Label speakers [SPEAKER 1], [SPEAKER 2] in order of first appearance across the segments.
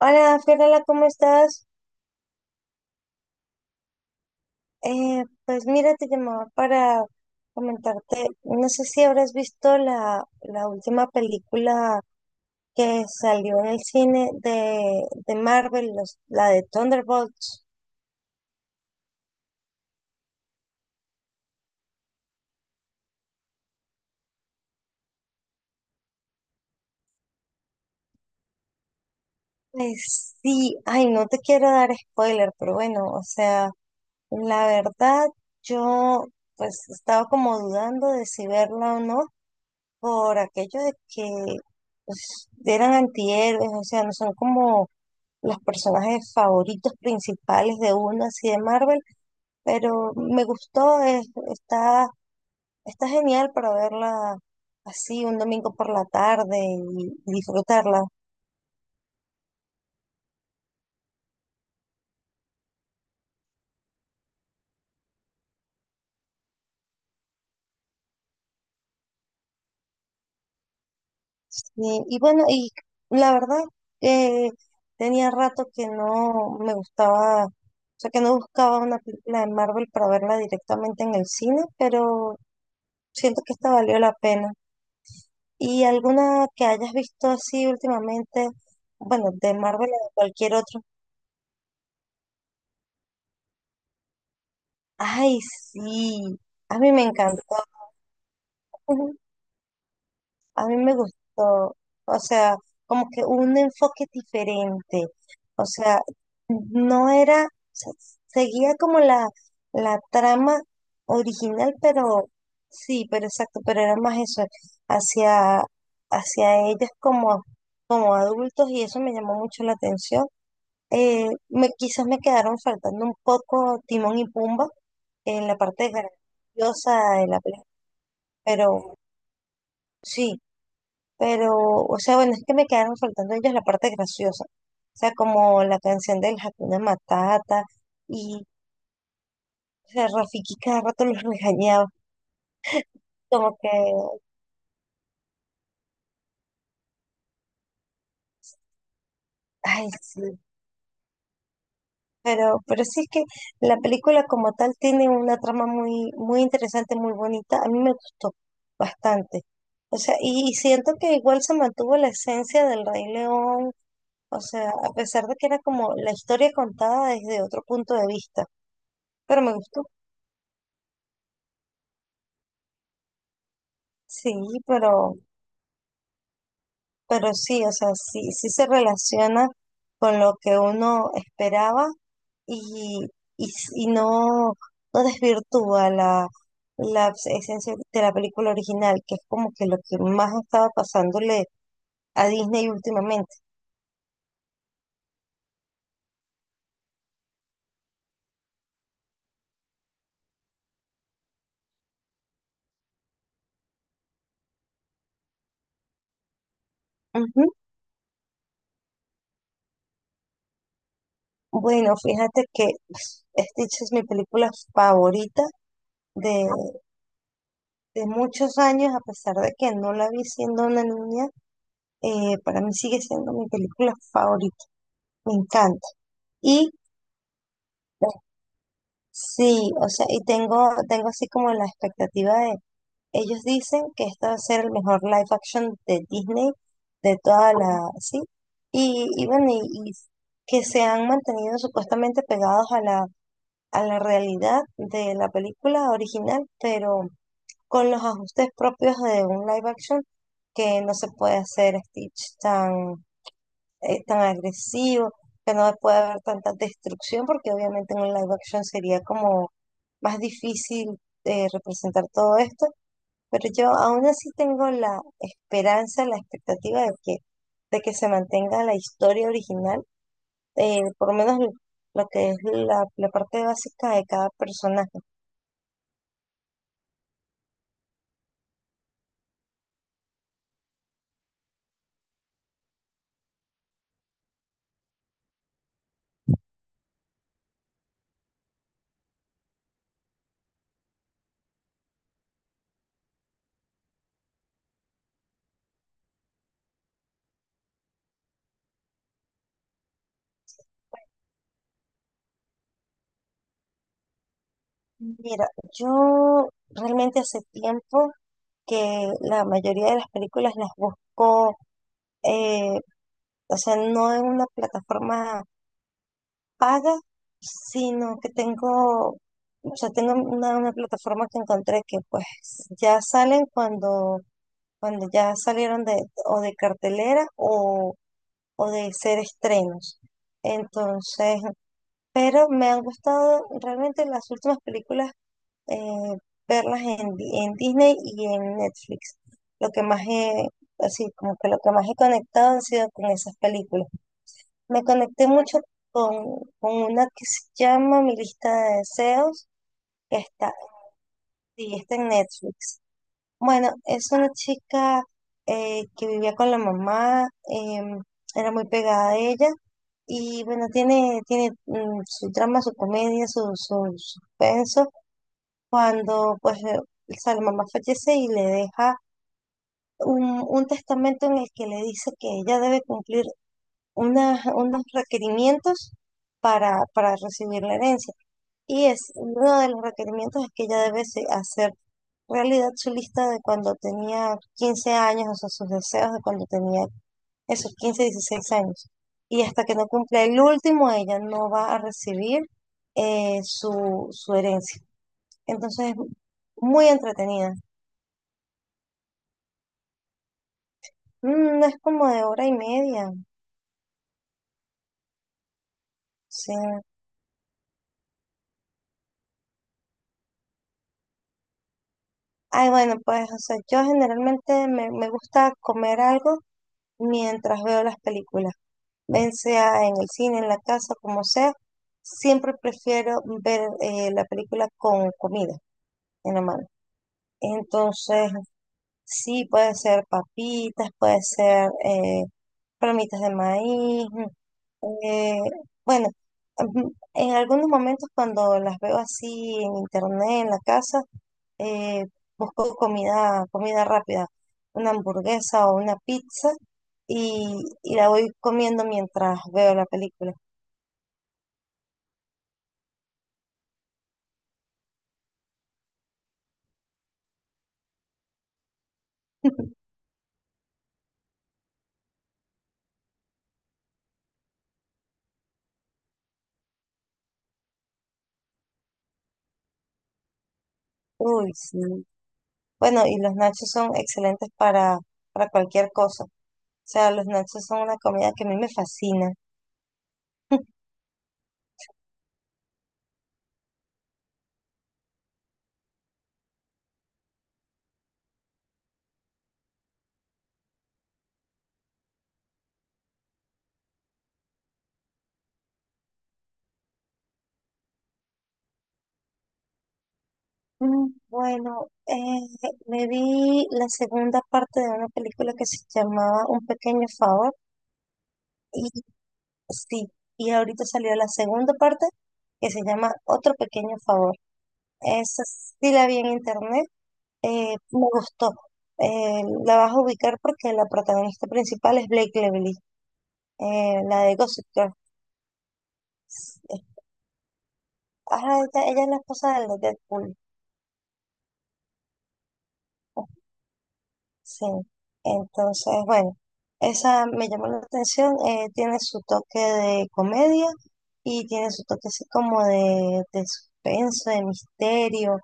[SPEAKER 1] Hola, Fiorella, ¿cómo estás? Pues mira, te llamaba para comentarte, no sé si habrás visto la última película que salió en el cine de Marvel, la de Thunderbolts. Pues sí, ay, no te quiero dar spoiler, pero bueno, o sea, la verdad, yo pues estaba como dudando de si verla o no por aquello de que pues, eran antihéroes, o sea, no son como los personajes favoritos principales de una así de Marvel, pero me gustó, está, está genial para verla así un domingo por la tarde y disfrutarla. Y bueno, y la verdad que tenía rato que no me gustaba, o sea, que no buscaba una película de Marvel para verla directamente en el cine, pero siento que esta valió la pena. ¿Y alguna que hayas visto así últimamente? Bueno, de Marvel o de cualquier otro. Ay, sí, a mí me encantó, a mí me gustó, o sea, como que un enfoque diferente, o sea, no era, o sea, seguía como la trama original, pero sí, pero exacto, pero era más eso, hacia, hacia ellas como, como adultos y eso me llamó mucho la atención. Quizás me quedaron faltando un poco Timón y Pumba en la parte graciosa de la película, pero sí, pero, o sea, bueno, es que me quedaron faltando ellos la parte graciosa, o sea, como la canción del Hakuna Matata y o sea, Rafiki cada rato los regañaba, como que, ay, sí, pero sí es que la película como tal tiene una trama muy, muy interesante, muy bonita. A mí me gustó bastante. O sea, y siento que igual se mantuvo la esencia del Rey León. O sea, a pesar de que era como la historia contada desde otro punto de vista. Pero me gustó. Sí, pero, pero sí, o sea, sí, sí se relaciona con lo que uno esperaba y, y no, no desvirtúa la esencia de la película original, que es como que lo que más estaba pasándole a Disney últimamente. Ujú. Bueno, fíjate que pues, Stitch es mi película favorita de, de muchos años, a pesar de que no la vi siendo una niña, para mí sigue siendo mi película favorita, me encanta. Y eh, sí, o sea, y tengo así como la expectativa. Ellos dicen que este va a ser el mejor live action de Disney de toda la, sí. Y bueno, y que se han mantenido supuestamente pegados a la realidad de la película original, pero con los ajustes propios de un live action, que no se puede hacer Stitch tan, tan agresivo, que no puede haber tanta destrucción, porque obviamente en un live action sería como más difícil representar todo esto, pero yo aún así tengo la esperanza, la expectativa de que se mantenga la historia original, por lo menos lo que es la parte básica de cada personaje. Mira, yo realmente hace tiempo que la mayoría de las películas las busco, eh, o sea, no en una plataforma paga, sino que o sea, tengo una plataforma que encontré que pues ya salen cuando ya salieron de, o de cartelera o de ser estrenos. Entonces, pero me han gustado realmente las últimas películas, eh, verlas en, en Disney y en Netflix. Lo que más he, así como que lo que más he conectado han sido con esas películas. Me conecté mucho con, con una que se llama Mi lista de deseos, que está, y está en Netflix. Bueno, es una chica que vivía con la mamá, era muy pegada a ella y bueno, tiene su drama, su comedia, su suspenso. Cuando pues o sea, la mamá fallece y le deja un testamento en el que le dice que ella debe cumplir unos requerimientos para recibir la herencia. Y es uno de los requerimientos es que ella debe hacer realidad su lista de cuando tenía 15 años, o sea, sus deseos de cuando tenía esos 15, 16 años. Y hasta que no cumpla el último, ella no va a recibir su herencia. Entonces es muy entretenida. Mm, no es como de hora y media. Sí, ay, bueno, pues, o sea, yo generalmente me gusta comer algo mientras veo las películas. Bien sea en el cine, en la casa, como sea, siempre prefiero ver la película con comida en la mano. Entonces, sí, puede ser papitas, puede ser palomitas de maíz. eh, bueno, en algunos momentos cuando las veo así en internet, en la casa, eh, busco comida, comida rápida, una hamburguesa o una pizza y la voy comiendo mientras veo la película. Uy, sí. Bueno, y los nachos son excelentes para cualquier cosa. O sea, los nachos son una comida que a mí me fascina. Mm, bueno, me vi la segunda parte de una película que se llamaba Un pequeño favor y sí, y ahorita salió la segunda parte que se llama Otro pequeño favor. Esa sí la vi en internet, me gustó. Eh, la vas a ubicar porque la protagonista principal es Blake Lively, la de Gossip Girl. Ajá, ella es la esposa del de Deadpool. Pues, sí. Entonces, bueno, esa me llamó la atención. Tiene su toque de comedia y tiene su toque así como de suspenso, de misterio.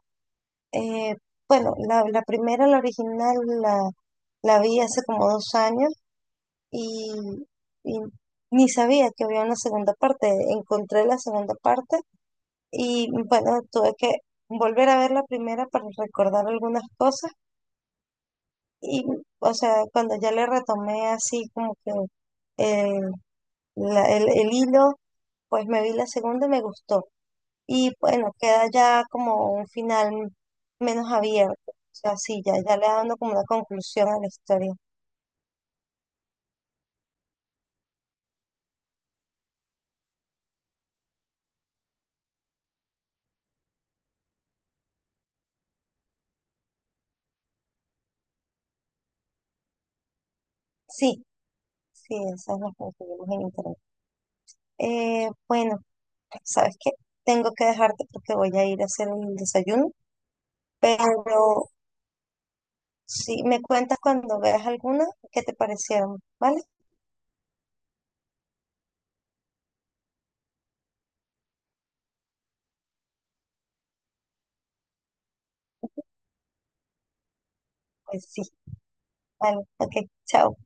[SPEAKER 1] Eh, bueno, la primera, la original, la, la vi hace como 2 años y, y ni sabía que había una segunda parte. Encontré la segunda parte. Y bueno, tuve que volver a ver la primera para recordar algunas cosas. Y, o sea, cuando ya le retomé así como que eh, el hilo, pues me vi la segunda y me gustó. Y bueno, queda ya como un final menos abierto. O sea, sí, ya, ya le dando como una conclusión a la historia. Sí, sí, esas las conseguimos en internet. Bueno, ¿sabes qué? Tengo que dejarte porque voy a ir a hacer el desayuno, pero sí, me cuentas cuando veas alguna que te parecieron, ¿vale? Pues sí, vale, ok, chao.